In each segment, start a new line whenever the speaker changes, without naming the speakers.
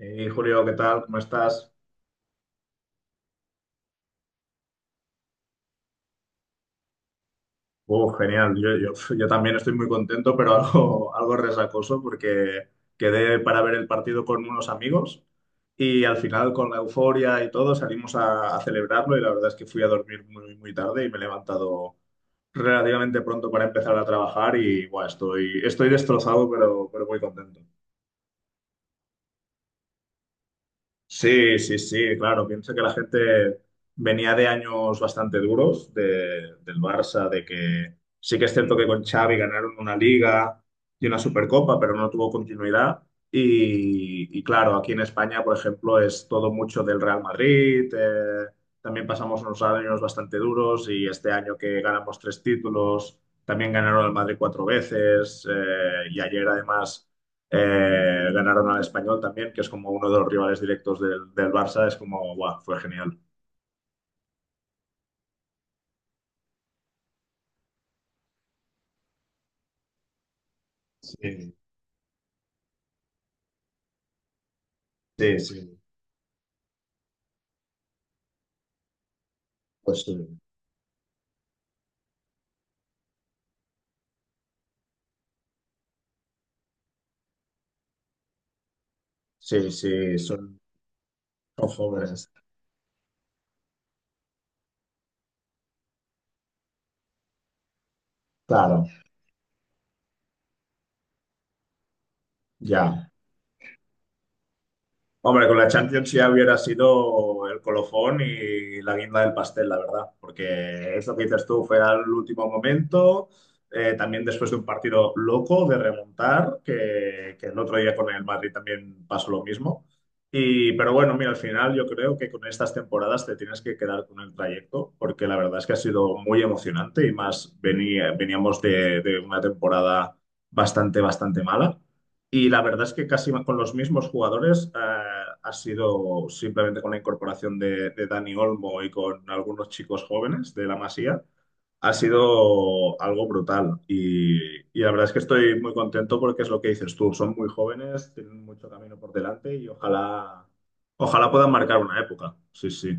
Hey, Julio, ¿qué tal? ¿Cómo estás? Oh, genial. Yo también estoy muy contento, pero algo resacoso porque quedé para ver el partido con unos amigos y al final con la euforia y todo salimos a celebrarlo y la verdad es que fui a dormir muy, muy tarde y me he levantado relativamente pronto para empezar a trabajar y buah, estoy destrozado, pero muy contento. Sí, sí, sí, claro. Pienso que la gente venía de años bastante duros del Barça, de que sí que es cierto que con Xavi ganaron una Liga y una Supercopa, pero no tuvo continuidad. Y claro, aquí en España, por ejemplo, es todo mucho del Real Madrid. También pasamos unos años bastante duros y este año que ganamos tres títulos, también ganaron el Madrid cuatro veces, y ayer además ganaron al Español también, que es como uno de los rivales directos del Barça. Es como, guau, fue genial. Sí. Sí, sí. Sí, pues sí. Sí, sí, son, son jóvenes. Claro, ya. Hombre, con la Champions ya hubiera sido el colofón y la guinda del pastel, la verdad, porque eso que dices tú fue al último momento, también después de un partido loco de remontar, que el otro día con el Madrid también pasó lo mismo. Y pero bueno, mira, al final yo creo que con estas temporadas te tienes que quedar con el trayecto, porque la verdad es que ha sido muy emocionante y más veníamos de una temporada bastante, bastante mala. Y la verdad es que casi con los mismos jugadores, ha sido simplemente con la incorporación de Dani Olmo y con algunos chicos jóvenes de la Masía, ha sido algo brutal. Y y la verdad es que estoy muy contento porque es lo que dices tú, son muy jóvenes, tienen mucho camino por delante y ojalá, ojalá puedan marcar una época. Sí, sí.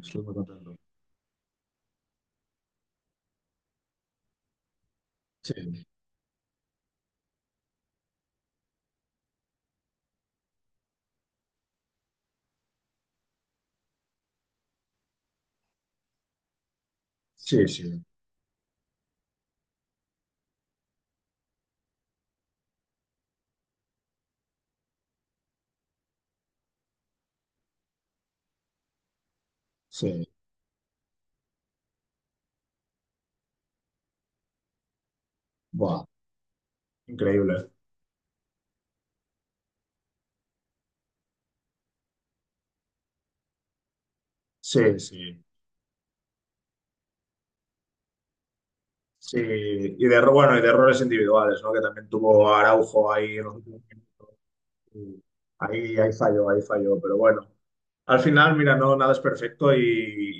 Sí, sí, sí. Buah, increíble. Sí, sí. Sí, bueno, y de errores individuales, ¿no? Que también tuvo Araujo ahí en los últimos minutos. Ahí, ahí falló, pero bueno, al final, mira, no, nada es perfecto,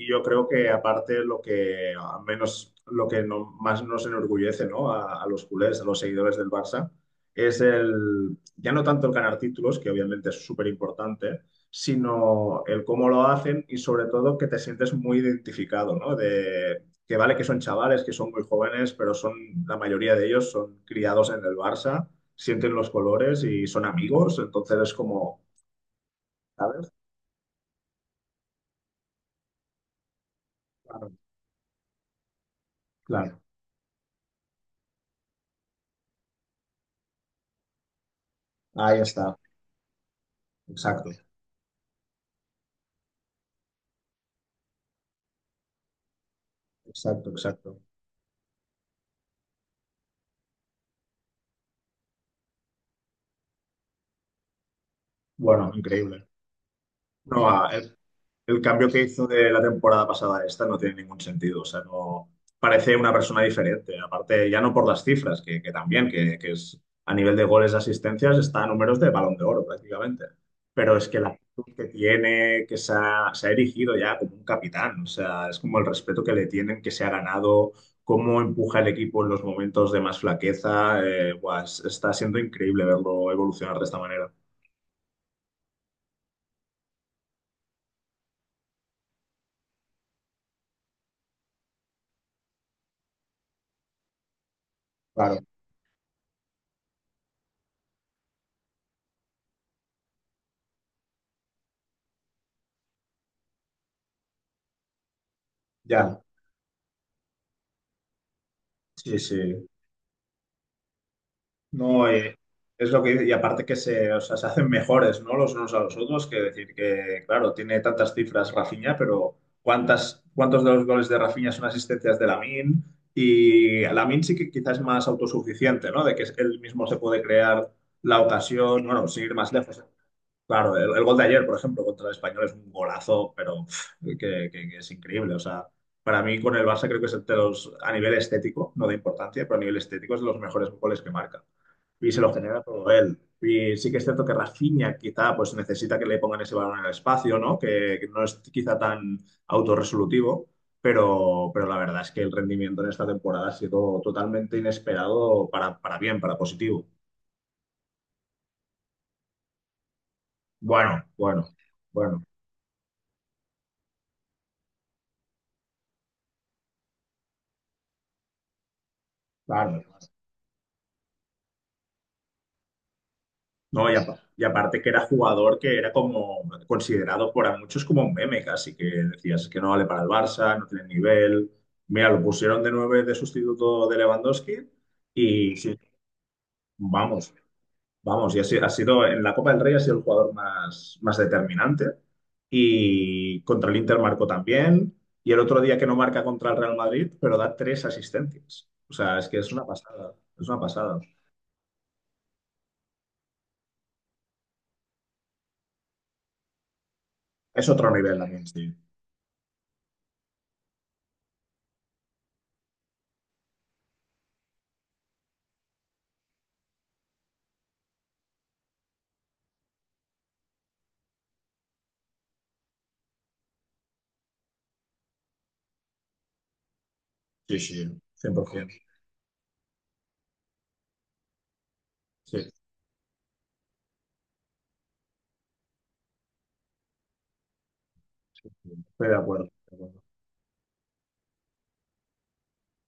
y yo creo que aparte lo al menos lo que no- más nos enorgullece, ¿no? A los culés, a los seguidores del Barça, es el, ya no tanto el ganar títulos, que obviamente es súper importante, sino el cómo lo hacen y sobre todo que te sientes muy identificado, ¿no? De que vale que son chavales, que son muy jóvenes, pero son, la mayoría de ellos son criados en el Barça, sienten los colores y son amigos, entonces es como, ¿sabes? Claro. Claro. Ahí está, exacto, exacto, exacto. Bueno, increíble. No, ah, el cambio que hizo de la temporada pasada a esta no tiene ningún sentido. O sea, no parece una persona diferente. Aparte, ya no por las cifras, que también, que es a nivel de goles de asistencias, está a números de Balón de Oro prácticamente. Pero es que la actitud que tiene, que se ha erigido ya como un capitán. O sea, es como el respeto que le tienen, que se ha ganado, cómo empuja el equipo en los momentos de más flaqueza. Buah, está siendo increíble verlo evolucionar de esta manera. Claro, ya. Sí, sí. No, es lo que dice, y aparte que se, o sea, se hacen mejores, ¿no? Los unos a los otros, que decir que, claro, tiene tantas cifras Rafinha, pero ¿cuántas, cuántos de los goles de Rafinha son asistencias de Lamine? Y Lamine sí que quizás es más autosuficiente, ¿no? De que él mismo se puede crear la ocasión, bueno, sin ir más lejos. Claro, el gol de ayer, por ejemplo, contra el Español es un golazo, pero pf, que es increíble, o sea. Para mí, con el Barça creo que es de los, a nivel estético, no de importancia, pero a nivel estético es de los mejores goles que marca y se lo genera todo él. Y sí que es cierto que Rafinha quizá pues necesita que le pongan ese balón en el espacio, ¿no? Que no es quizá tan autorresolutivo, pero la verdad es que el rendimiento en esta temporada ha sido totalmente inesperado para bien, para positivo. Bueno, bueno, bueno, claro. No, y aparte que era jugador que era como considerado por a muchos como un meme casi, que decías que no vale para el Barça, no tiene nivel. Mira, lo pusieron de nueve de sustituto de Lewandowski. Y sin... Vamos, vamos, y ha sido en la Copa del Rey, ha sido el jugador más, más determinante y contra el Inter marcó también y el otro día que no marca contra el Real Madrid, pero da tres asistencias. O sea, es que es una pasada, es una pasada. Es otro nivel también, sí. Sí, sí, 100%. Sí, sí, sí, estoy de acuerdo.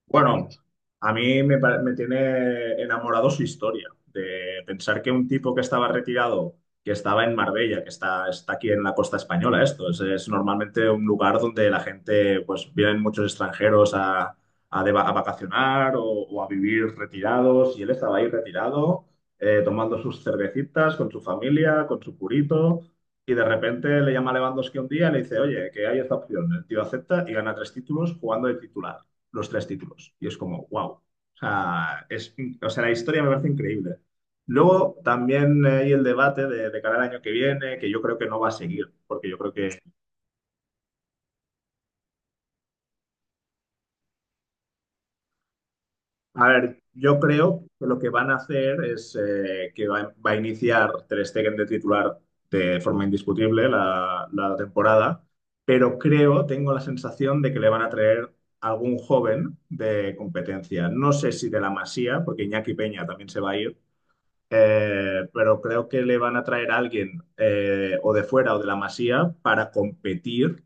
Bueno, a mí me, pare- me tiene enamorado su historia, de pensar que un tipo que estaba retirado, que estaba en Marbella, está aquí en la costa española, esto es normalmente un lugar donde la gente, pues vienen muchos extranjeros a vacacionar o a vivir retirados, y él estaba ahí retirado, tomando sus cervecitas con su familia, con su purito. Y de repente le llama a Lewandowski un día y le dice, oye, que hay esta opción. El tío acepta y gana tres títulos jugando de titular los tres títulos. Y es como, wow. O sea, es, o sea, la historia me parece increíble. Luego también hay el debate de cara al año que viene, que yo creo que no va a seguir, porque yo creo que, a ver, yo creo que lo que van a hacer es, que va a iniciar Ter Stegen de titular de forma indiscutible la temporada, pero creo, tengo la sensación de que le van a traer algún joven de competencia. No sé si de la Masía, porque Iñaki Peña también se va a ir. Pero creo que le van a traer a alguien, o de fuera o de la Masía para competir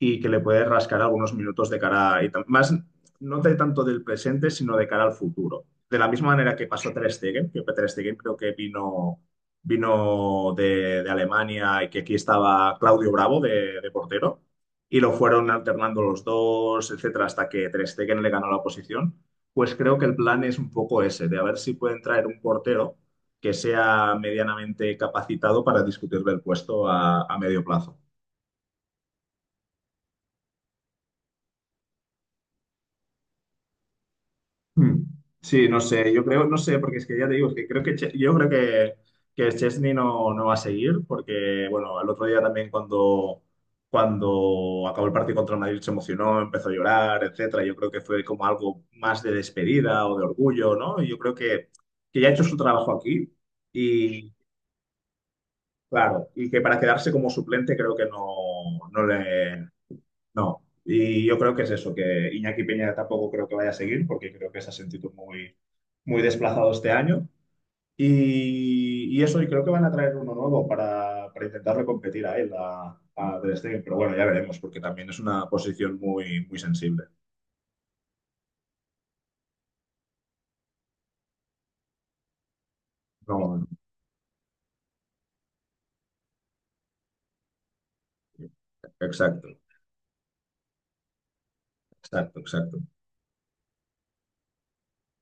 y que le puede rascar algunos minutos de cara, y más no de tanto del presente, sino de cara al futuro. De la misma manera que pasó Ter Stegen, que Ter Stegen creo que vino, vino de Alemania y que aquí estaba Claudio Bravo de portero, y lo fueron alternando los dos, etcétera, hasta que Ter Stegen le ganó la posición. Pues creo que el plan es un poco ese, de a ver si pueden traer un portero que sea medianamente capacitado para discutirle el puesto a medio plazo. Hmm. Sí, no sé, yo creo, no sé, porque es que ya te digo, es que creo que yo creo que Chesney no, no va a seguir, porque bueno, el otro día también cuando acabó el partido contra el Madrid se emocionó, empezó a llorar, etcétera. Yo creo que fue como algo más de despedida o de orgullo, ¿no? Que ya ha hecho su trabajo aquí y claro, y que para quedarse como suplente creo que no le, no. Y yo creo que es eso, que Iñaki Peña tampoco creo que vaya a seguir, porque creo que se ha sentido muy, muy desplazado este año. Y eso, y creo que van a traer uno nuevo para intentarle competir a él, a Ter Stegen. Pero bueno, ya veremos, porque también es una posición muy, muy sensible. No, exacto, exacto, exacto.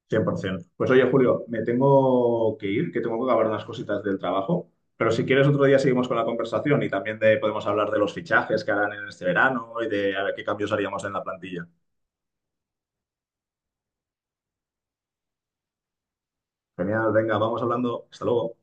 100%. Pues oye, Julio, me tengo que ir, que tengo que acabar unas cositas del trabajo, pero si quieres otro día seguimos con la conversación y también podemos hablar de los fichajes que harán en este verano y de a ver qué cambios haríamos en la plantilla. Genial, venga, vamos hablando. Hasta luego.